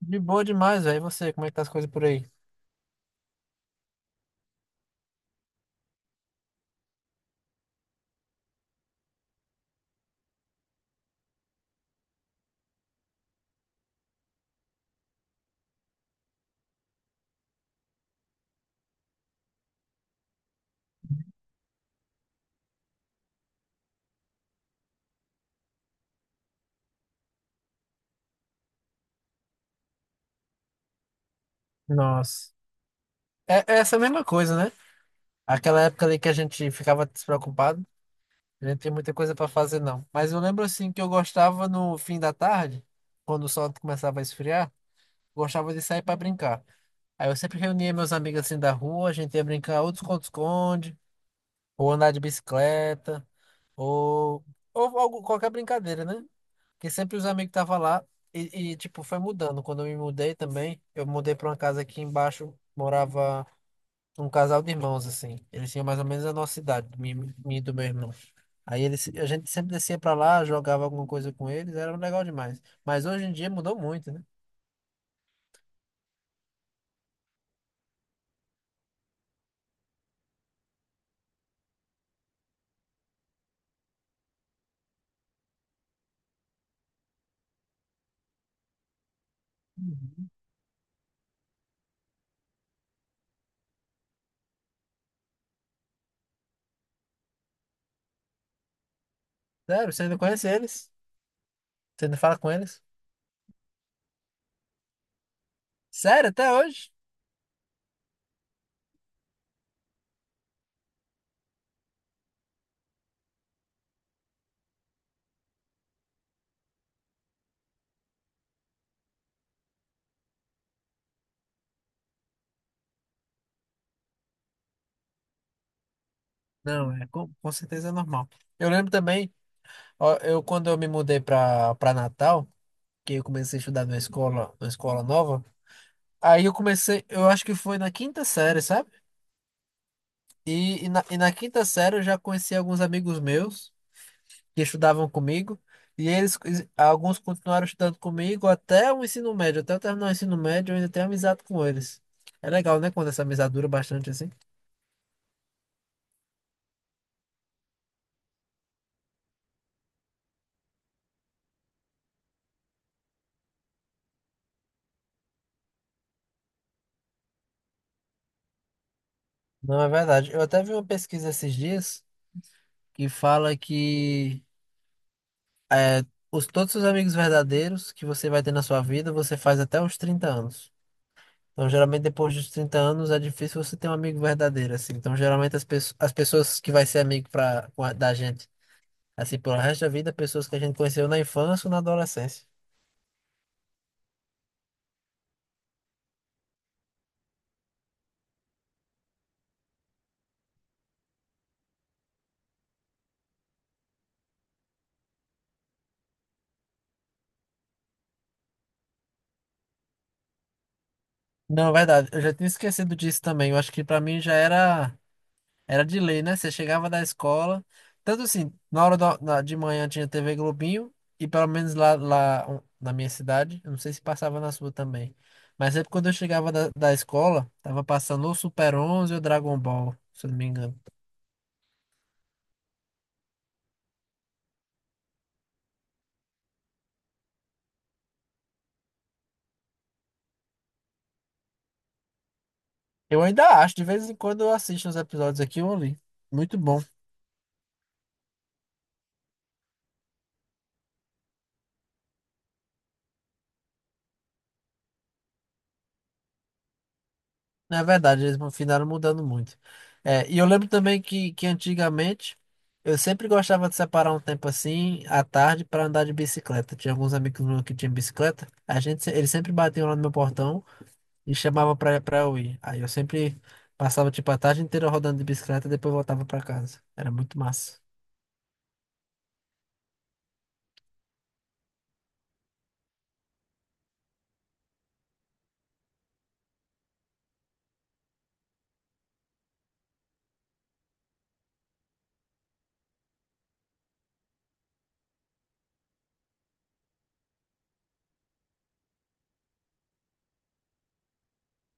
De boa demais, velho. E você, como é que tá as coisas por aí? Nossa. É essa mesma coisa, né? Aquela época ali que a gente ficava despreocupado, a gente não tinha muita coisa pra fazer, não. Mas eu lembro assim que eu gostava no fim da tarde, quando o sol começava a esfriar, gostava de sair pra brincar. Aí eu sempre reunia meus amigos assim da rua, a gente ia brincar ou de esconde-esconde, ou andar de bicicleta, ou, qualquer brincadeira, né? E sempre os amigos estavam lá e, tipo, foi mudando. Quando eu me mudei também, eu mudei para uma casa aqui embaixo, morava um casal de irmãos, assim. Eles tinham mais ou menos a nossa idade, minha e do meu irmão. Aí eles, a gente sempre descia para lá, jogava alguma coisa com eles, era legal demais. Mas hoje em dia mudou muito, né? Uhum. Sério, você ainda conhece eles? Você ainda fala com eles? Sério, até hoje? Não, é com certeza é normal. Eu lembro também, ó, eu quando eu me mudei para Natal, que eu comecei a estudar numa escola nova. Aí eu comecei, eu acho que foi na quinta série, sabe? E na quinta série eu já conheci alguns amigos meus que estudavam comigo. E eles, alguns continuaram estudando comigo até o ensino médio. Até eu terminar o ensino médio, eu ainda tenho amizade com eles. É legal, né? Quando essa amizade dura bastante assim. Não, é verdade. Eu até vi uma pesquisa esses dias que fala que é, os, todos os amigos verdadeiros que você vai ter na sua vida, você faz até os 30 anos. Então, geralmente, depois dos 30 anos, é difícil você ter um amigo verdadeiro, assim. Então, geralmente, as pessoas que vai ser amigo pra, da gente, assim, pelo resto da vida, pessoas que a gente conheceu na infância ou na adolescência. Não, é verdade. Eu já tinha esquecido disso também. Eu acho que pra mim já era de lei, né? Você chegava da escola, tanto assim, na hora da- na- de manhã tinha TV Globinho, e pelo menos lá, lá um, na minha cidade, eu não sei se passava na sua também, mas sempre quando eu chegava da escola, tava passando ou Super 11 ou Dragon Ball, se eu não me engano. Eu ainda acho, de vez em quando eu assisto os episódios aqui, eu ouvi. Muito bom. Na verdade, eles finalizaram mudando muito. É, e eu lembro também que antigamente eu sempre gostava de separar um tempo assim, à tarde, para andar de bicicleta. Tinha alguns amigos meus que tinham bicicleta, a gente, se- eles sempre batiam lá no meu portão e chamavam pra eu ir. Aí eu sempre passava tipo a tarde inteira rodando de bicicleta e depois voltava pra casa. Era muito massa.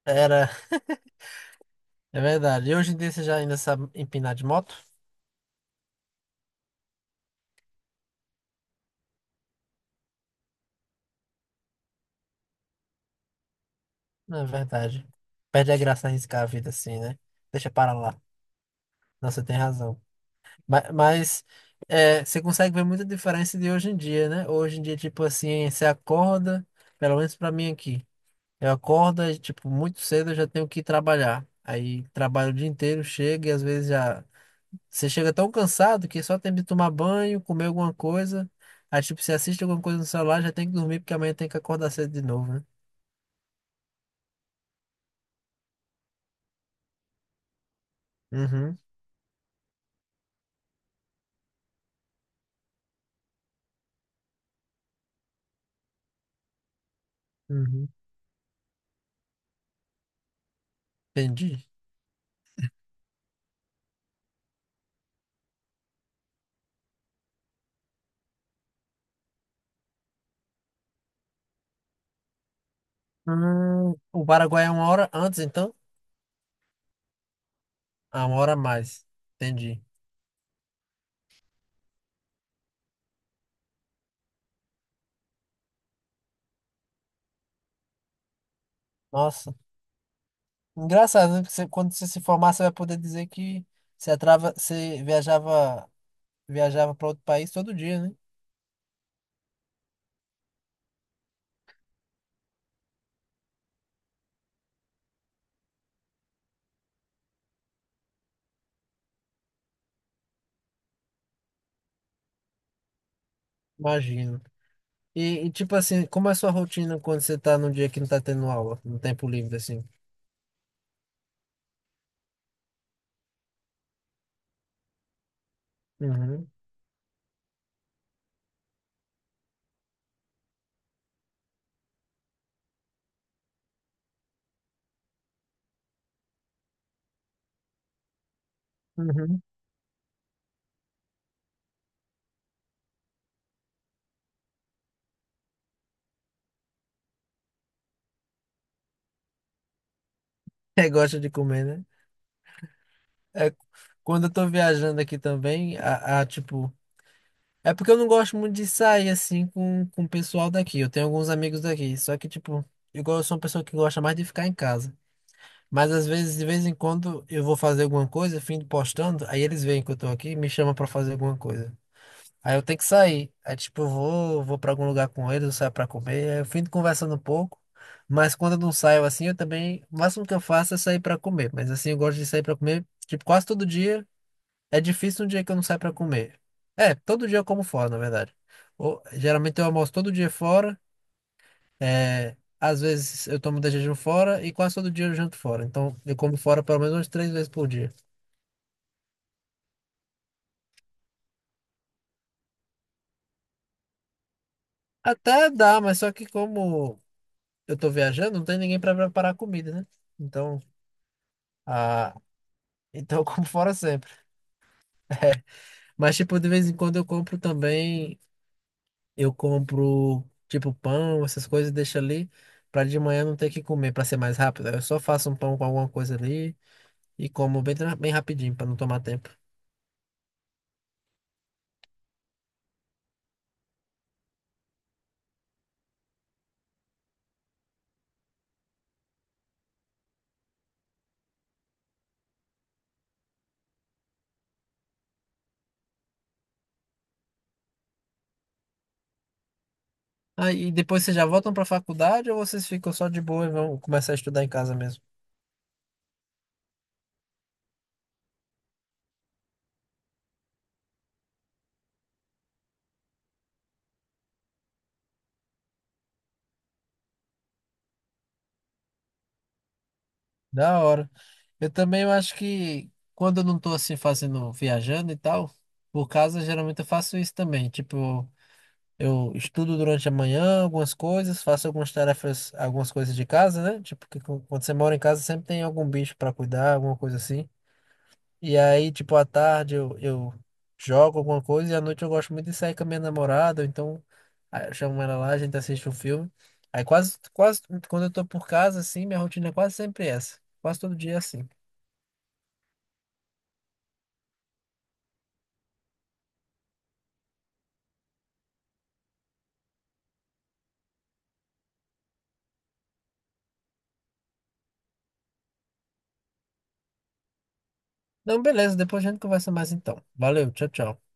Era, é verdade. E hoje em dia você já ainda sabe empinar de moto? É verdade. Perde a graça arriscar a vida assim, né? Deixa para lá. Nossa, tem razão. Mas é, você consegue ver muita diferença de hoje em dia, né? Hoje em dia, tipo assim, você acorda, pelo menos para mim aqui. Eu acordo, e, tipo, muito cedo eu já tenho que ir trabalhar. Aí trabalho o dia inteiro, chega e às vezes já. Você chega tão cansado que só tem de tomar banho, comer alguma coisa. Aí, tipo, você assiste alguma coisa no celular, já tem que dormir porque amanhã tem que acordar cedo de novo, né? Uhum, uhum. Entendi. O Paraguai é uma hora antes, então? Ah, uma hora a mais. Entendi. Nossa. Engraçado, né? Porque você- quando você se formar, você vai poder dizer que você viajava, viajava para outro país todo dia, né? Imagino. E tipo assim, como é a sua rotina quando você tá num dia que não tá tendo aula, no tempo livre, assim? Uhum, uhum. Você gosta de comer, né? É, quando eu tô viajando aqui também, tipo. É porque eu não gosto muito de sair assim com o pessoal daqui. Eu tenho alguns amigos daqui. Só que, tipo, igual eu sou uma pessoa que gosta mais de ficar em casa. Mas às vezes, de vez em quando, eu vou fazer alguma coisa, fim de postando, aí eles veem que eu tô aqui e me chamam pra fazer alguma coisa. Aí eu tenho que sair. Aí, tipo, eu vou pra algum lugar com eles, eu saio pra comer. Aí eu fim de conversando um pouco. Mas quando eu não saio assim, eu também. O máximo que eu faço é sair pra comer. Mas assim, eu gosto de sair pra comer, tipo, quase todo dia. É difícil um dia que eu não saio pra comer. É, todo dia eu como fora, na verdade. Ou, geralmente eu almoço todo dia fora. É, às vezes eu tomo jejum fora e quase todo dia eu janto fora. Então eu como fora pelo menos umas 3 vezes por dia. Até dá, mas só que como eu tô viajando, não tem ninguém pra preparar comida, né? Então, ah, então eu como fora sempre. Mas, tipo, de vez em quando eu compro também. Eu compro tipo pão, essas coisas, e deixo ali pra de manhã não ter que comer, pra ser mais rápido. Eu só faço um pão com alguma coisa ali e como bem, bem rapidinho pra não tomar tempo. Aí e depois vocês já voltam pra faculdade ou vocês ficam só de boa e vão começar a estudar em casa mesmo? Da hora. Eu também eu acho que quando eu não tô assim fazendo, viajando e tal, por casa geralmente eu faço isso também. Tipo, eu estudo durante a manhã algumas coisas, faço algumas tarefas, algumas coisas de casa, né? Tipo, quando você mora em casa sempre tem algum bicho pra cuidar, alguma coisa assim. E aí, tipo, à tarde eu jogo alguma coisa e à noite eu gosto muito de sair com a minha namorada, ou então aí eu chamo ela lá, a gente assiste um filme. Aí quando eu tô por casa, assim, minha rotina é quase sempre essa. Quase todo dia é assim. Então, beleza, depois a gente conversa mais então. Valeu, tchau, tchau.